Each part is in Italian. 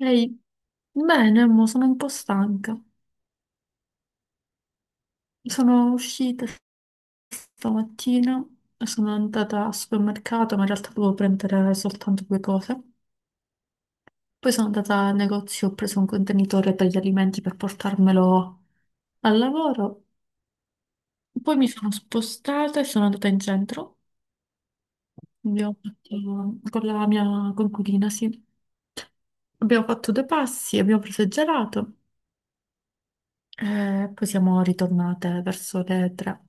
Ehi, bene, mo sono un po' stanca. Sono uscita stamattina, sono andata al supermercato, ma in realtà dovevo prendere soltanto due cose. Poi sono andata al negozio, ho preso un contenitore per gli alimenti per portarmelo al lavoro. Poi mi sono spostata e sono andata in centro. Abbiamo fatto, con la mia coinquilina, sì. Abbiamo fatto due passi, abbiamo preso il gelato e poi siamo ritornate verso le tre.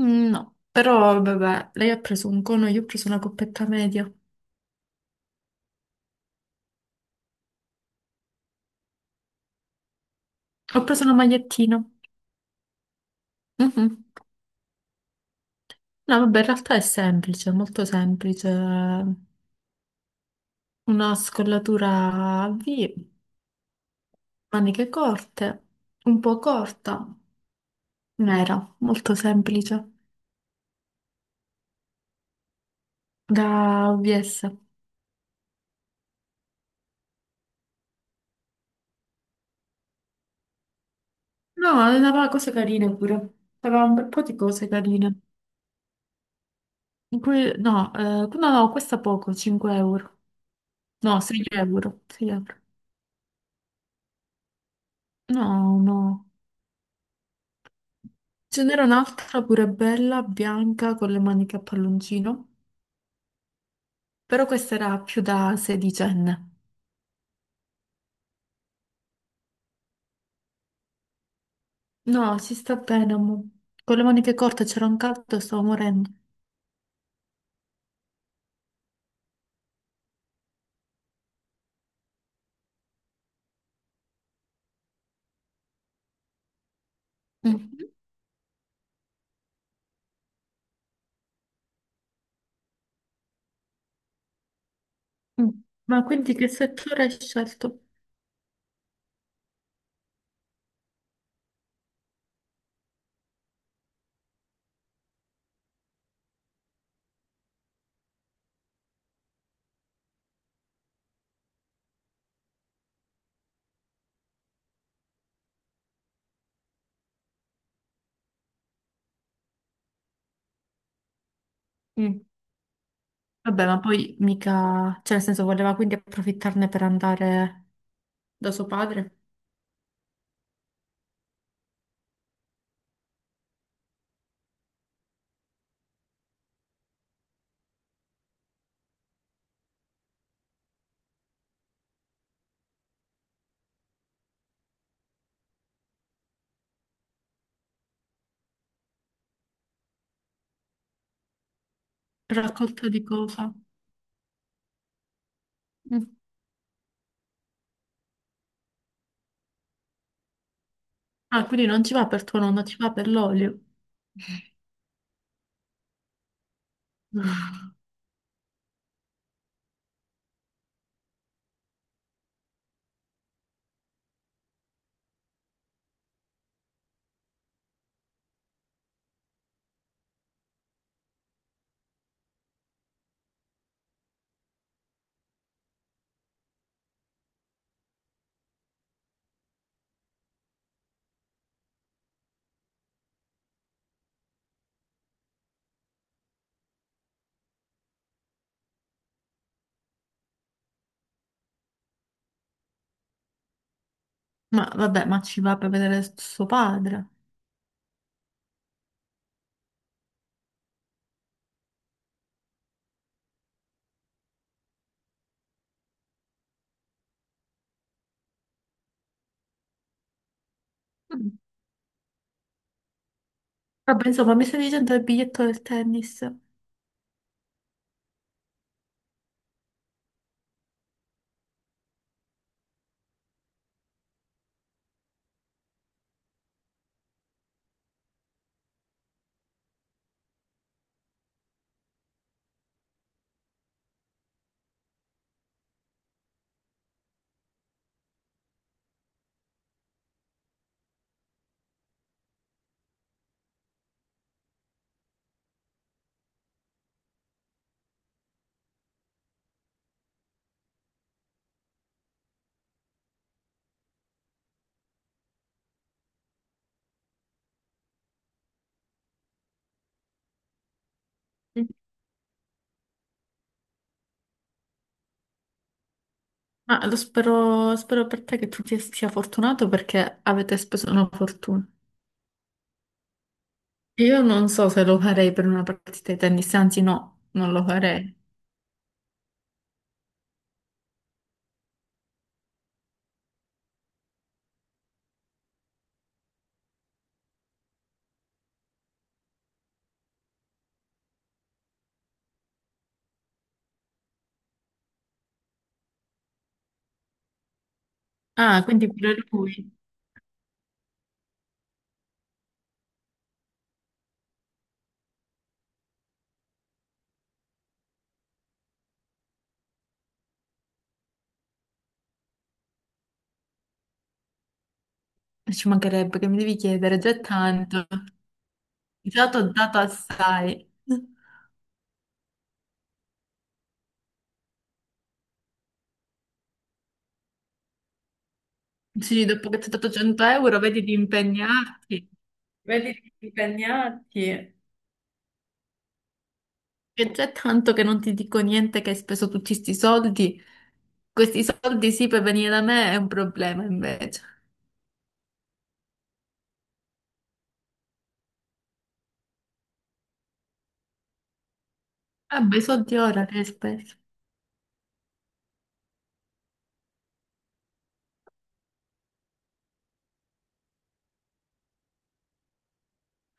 Mm, no, però vabbè, lei ha preso un cono, io ho preso una coppetta media. Ho preso una magliettina. Mhm. No, vabbè, in realtà è semplice, molto semplice. Una scollatura a V, maniche corte, un po' corta, nera, molto semplice, da OVS. No, aveva cose carine pure. Aveva un bel po' di cose carine. No, no, no, questa poco, 5 euro. No, 6 euro, 6 euro. No, no. Ce n'era un'altra pure bella, bianca, con le maniche a palloncino, però questa era più da sedicenne. No, si sta bene, amore. Con le maniche corte c'era un caldo, stavo morendo. Mhm. Mm. Ma quindi che settore hai scelto? Mm. Vabbè, ma poi mica, cioè nel senso voleva quindi approfittarne per andare da suo padre. Raccolta di cosa? Mm. Ah, quindi non ci va per tuo nonno, ci va per l'olio. Mm. Ma vabbè, ma ci va per vedere suo padre. Vabbè, insomma, mi stai dicendo il biglietto del tennis. Ma lo spero, spero per te che tu ti sia fortunato perché avete speso una fortuna. Io non so se lo farei per una partita di tennis, anzi no, non lo farei. Ah, quindi pure lui. Ci mancherebbe che mi devi chiedere, già è tanto. Già ti ho dato assai. Sì, dopo che ti ho dato 100 euro, vedi di impegnarti. Vedi di impegnarti. Che già è tanto che non ti dico niente che hai speso tutti questi soldi sì per venire da me è un problema invece. Vabbè, i soldi ora che hai speso.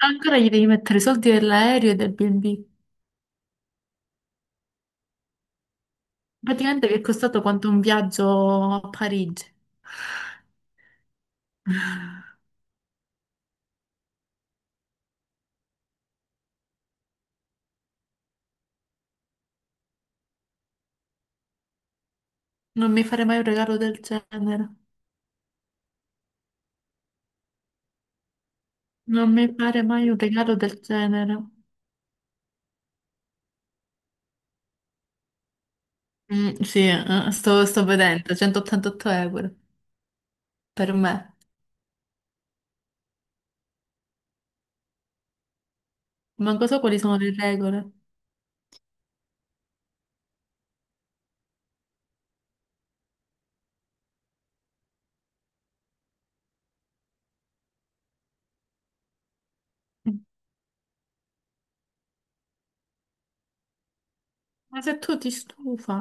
Ancora gli devi mettere i soldi dell'aereo e del B&B. Praticamente vi è costato quanto un viaggio a Parigi. Non mi fare mai un regalo del genere. Non mi fare mai un regalo del genere. Mm, sì, sto vedendo, 188 € per me. Manco so quali sono le regole. Mm. Ma se tu ti stufa.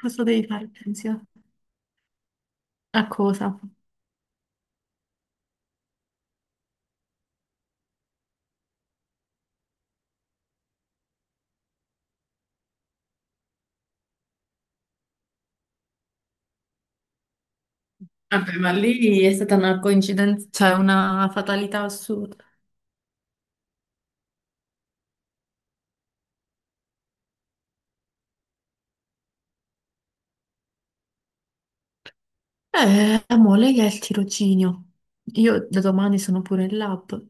Cosa devi fare, Cinzia? A cosa? Vabbè, ma lì è stata una coincidenza, cioè una fatalità assurda. Amore, lei è il tirocinio. Io da domani sono pure in lab.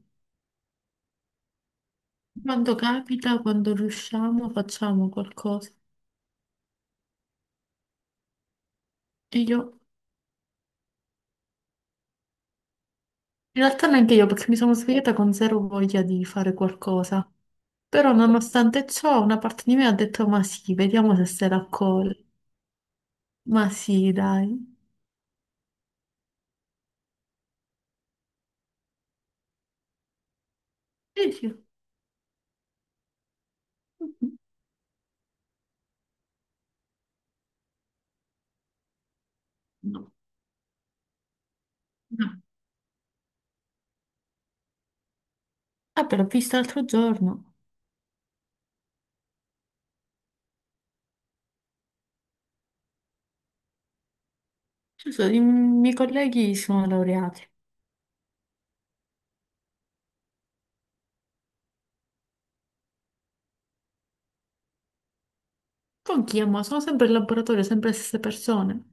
Quando capita, quando riusciamo, facciamo qualcosa. E io, in realtà neanche io, perché mi sono svegliata con zero voglia di fare qualcosa. Però, nonostante ciò, una parte di me ha detto: ma sì, vediamo se se la colla. Ma sì, dai. E io, no, no. Ah, però l'ho visto l'altro giorno. Ci sono- i miei colleghi sono laureati. Con chi amo? Sono sempre in laboratorio, sempre le stesse persone,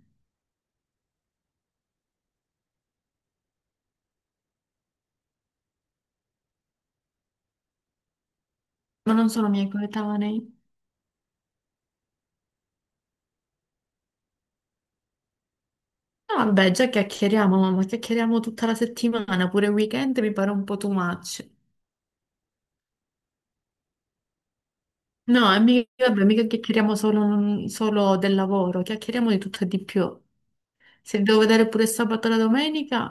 ma non sono miei coetanei. No, vabbè, già chiacchieriamo, ma chiacchieriamo tutta la settimana, pure il weekend mi pare un po' too much. No, e mica, vabbè, mica chiacchieriamo solo, solo del lavoro, chiacchieriamo di tutto e di più. Se devo vedere pure sabato e la domenica,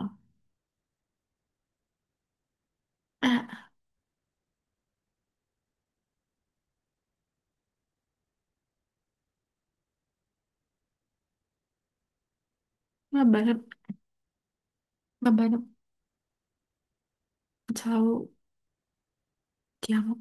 eh, va bene, va bene. Ciao, ti amo.